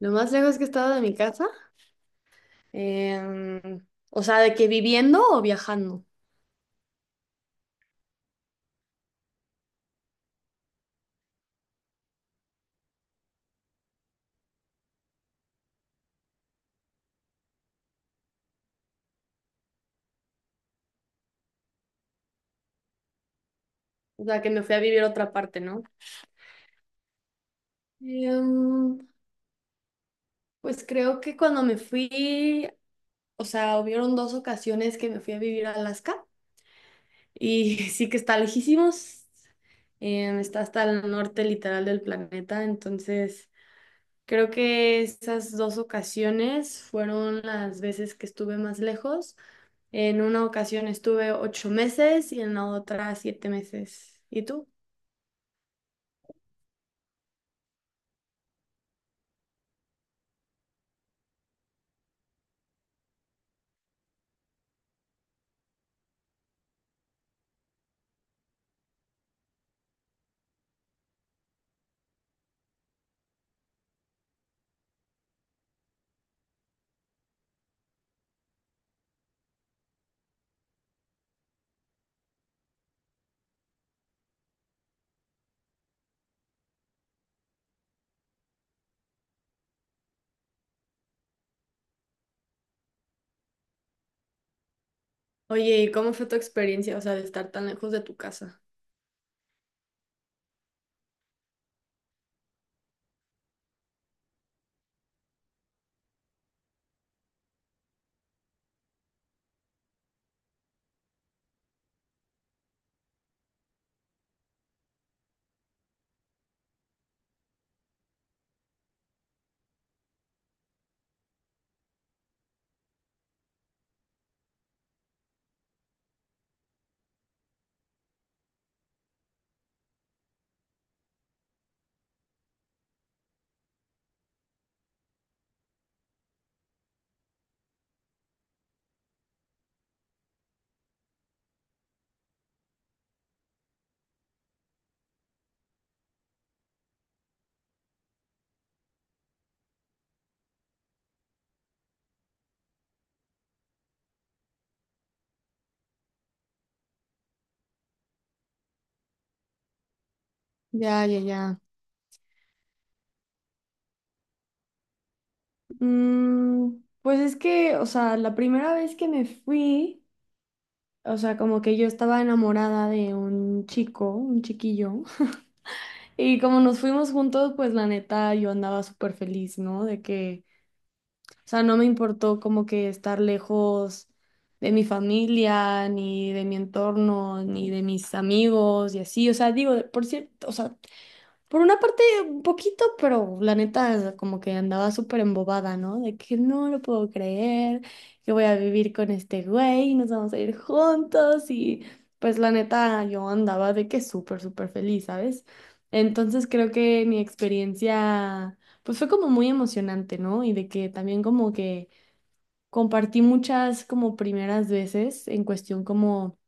Lo más lejos que he estado de mi casa, o sea, de que viviendo o viajando, o sea, que me fui a vivir a otra parte, ¿no? Em, pues creo que cuando me fui, o sea, hubieron dos ocasiones que me fui a vivir a Alaska y sí que está lejísimos, está hasta el norte literal del planeta, entonces creo que esas dos ocasiones fueron las veces que estuve más lejos. En una ocasión estuve 8 meses y en la otra 7 meses. ¿Y tú? Oye, ¿y cómo fue tu experiencia, o sea, de estar tan lejos de tu casa? Ya, ya, ya. Mm, pues es que, o sea, la primera vez que me fui, o sea, como que yo estaba enamorada de un chico, un chiquillo, y como nos fuimos juntos, pues la neta yo andaba súper feliz, ¿no? De que o sea, no me importó como que estar lejos de mi familia, ni de mi entorno, ni de mis amigos y así. O sea, digo, por cierto, por una parte, un poquito, pero la neta, como que andaba súper embobada, ¿no? De que no lo puedo creer, que voy a vivir con este güey, nos vamos a ir juntos y pues la neta, yo andaba de que súper, súper feliz, ¿sabes? Entonces creo que mi experiencia, pues fue como muy emocionante, ¿no? Y de que también como que compartí muchas como primeras veces en cuestión como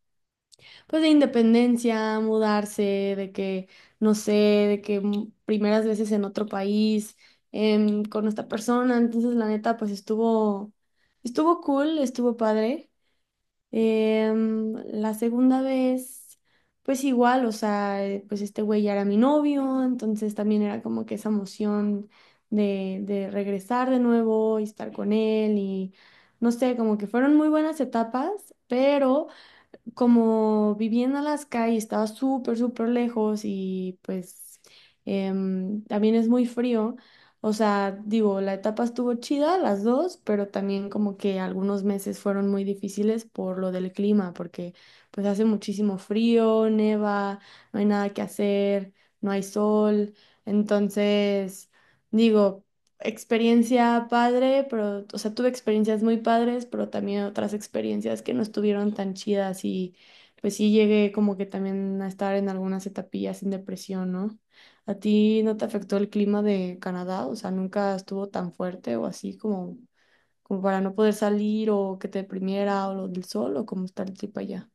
pues de independencia, mudarse, de que, no sé, de que primeras veces en otro país, con esta persona, entonces la neta, pues estuvo, estuvo cool, estuvo padre. La segunda vez, pues igual, o sea, pues este güey ya era mi novio, entonces también era como que esa emoción de regresar de nuevo y estar con él y, no sé, como que fueron muy buenas etapas, pero como viviendo en Alaska y estaba súper, súper lejos y pues también es muy frío, o sea, digo, la etapa estuvo chida, las dos, pero también como que algunos meses fueron muy difíciles por lo del clima, porque pues hace muchísimo frío, neva, no hay nada que hacer, no hay sol, entonces. Digo, experiencia padre, pero, o sea, tuve experiencias muy padres, pero también otras experiencias que no estuvieron tan chidas y pues sí llegué como que también a estar en algunas etapillas en depresión, ¿no? ¿A ti no te afectó el clima de Canadá? O sea, nunca estuvo tan fuerte o así como, como para no poder salir o que te deprimiera o lo del sol o cómo está el trip allá.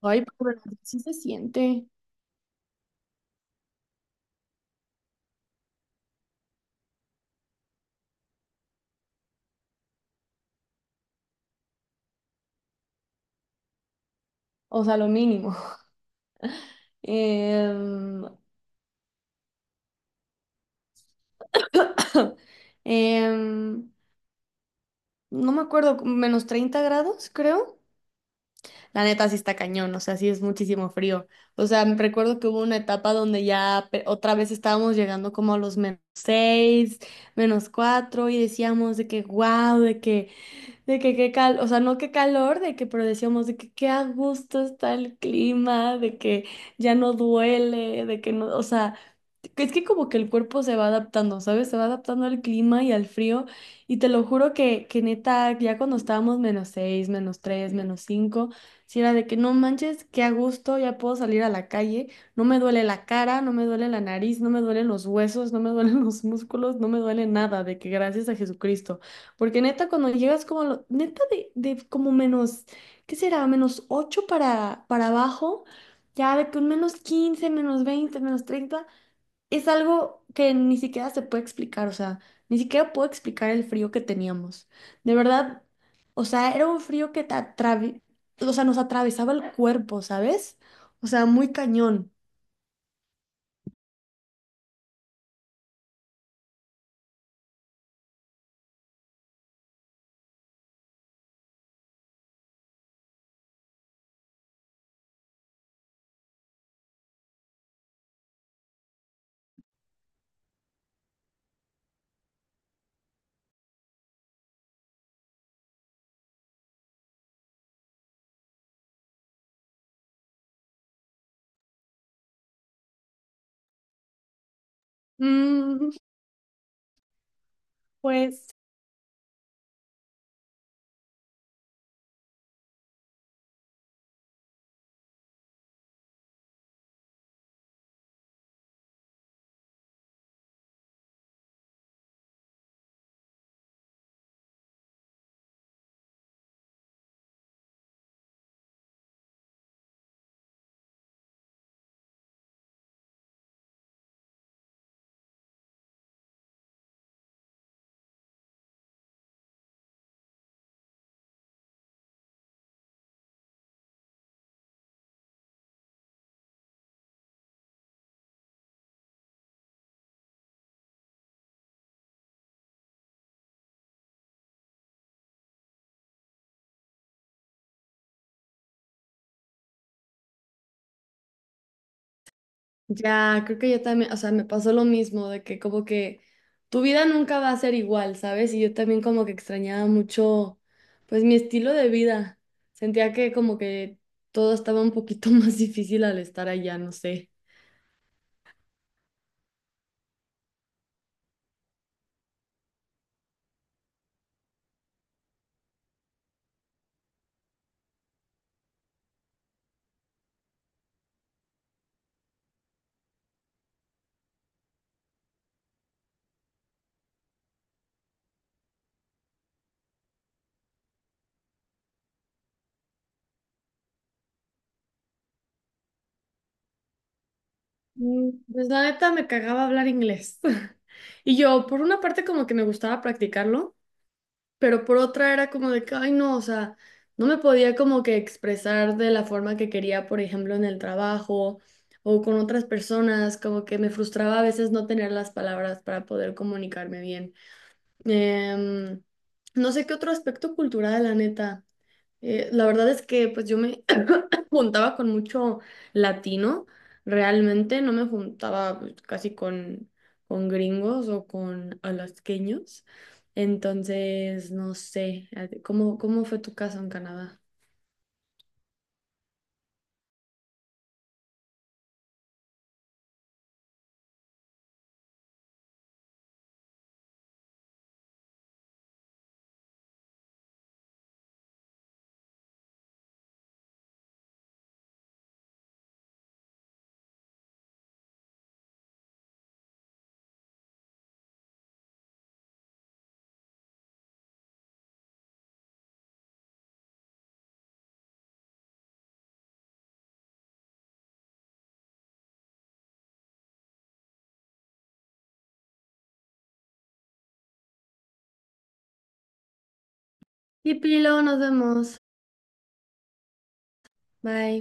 Ay, pero sí se siente, o sea, lo mínimo. Em, Em, no me acuerdo, -30 grados, creo. La neta sí está cañón, o sea, sí es muchísimo frío. O sea, me recuerdo que hubo una etapa donde ya otra vez estábamos llegando como a los menos 6 menos 4 y decíamos de que wow, de que qué cal, o sea, no qué calor, de que, pero decíamos de que qué a gusto está el clima, de que ya no duele, de que no, o sea. Es que como que el cuerpo se va adaptando, ¿sabes? Se va adaptando al clima y al frío. Y te lo juro que, neta, ya cuando estábamos menos seis, menos tres, menos cinco, si era de que no manches, qué a gusto, ya puedo salir a la calle, no me duele la cara, no me duele la nariz, no me duelen los huesos, no me duelen los músculos, no me duele nada, de que gracias a Jesucristo. Porque neta, cuando llegas como, neta de, como menos, ¿qué será? Menos ocho para, abajo. Ya de que un -15, -20, -30 es algo que ni siquiera se puede explicar, o sea, ni siquiera puedo explicar el frío que teníamos. De verdad, o sea, era un frío que o sea, nos atravesaba el cuerpo, ¿sabes? O sea, muy cañón. Mm, pues ya, creo que yo también, o sea, me pasó lo mismo, de que como que tu vida nunca va a ser igual, ¿sabes? Y yo también como que extrañaba mucho, pues mi estilo de vida. Sentía que como que todo estaba un poquito más difícil al estar allá, no sé. Pues la neta me cagaba hablar inglés. Y yo, por una parte, como que me gustaba practicarlo, pero por otra era como de que, ay, no, o sea, no me podía como que expresar de la forma que quería, por ejemplo, en el trabajo o con otras personas, como que me frustraba a veces no tener las palabras para poder comunicarme bien. Em, no sé qué otro aspecto cultural, la neta. La verdad es que pues yo me juntaba con mucho latino, realmente no me juntaba pues, casi con, gringos o con alasqueños. Entonces, no sé, ¿cómo fue tu caso en Canadá? Y Pilo, nos vemos. Bye.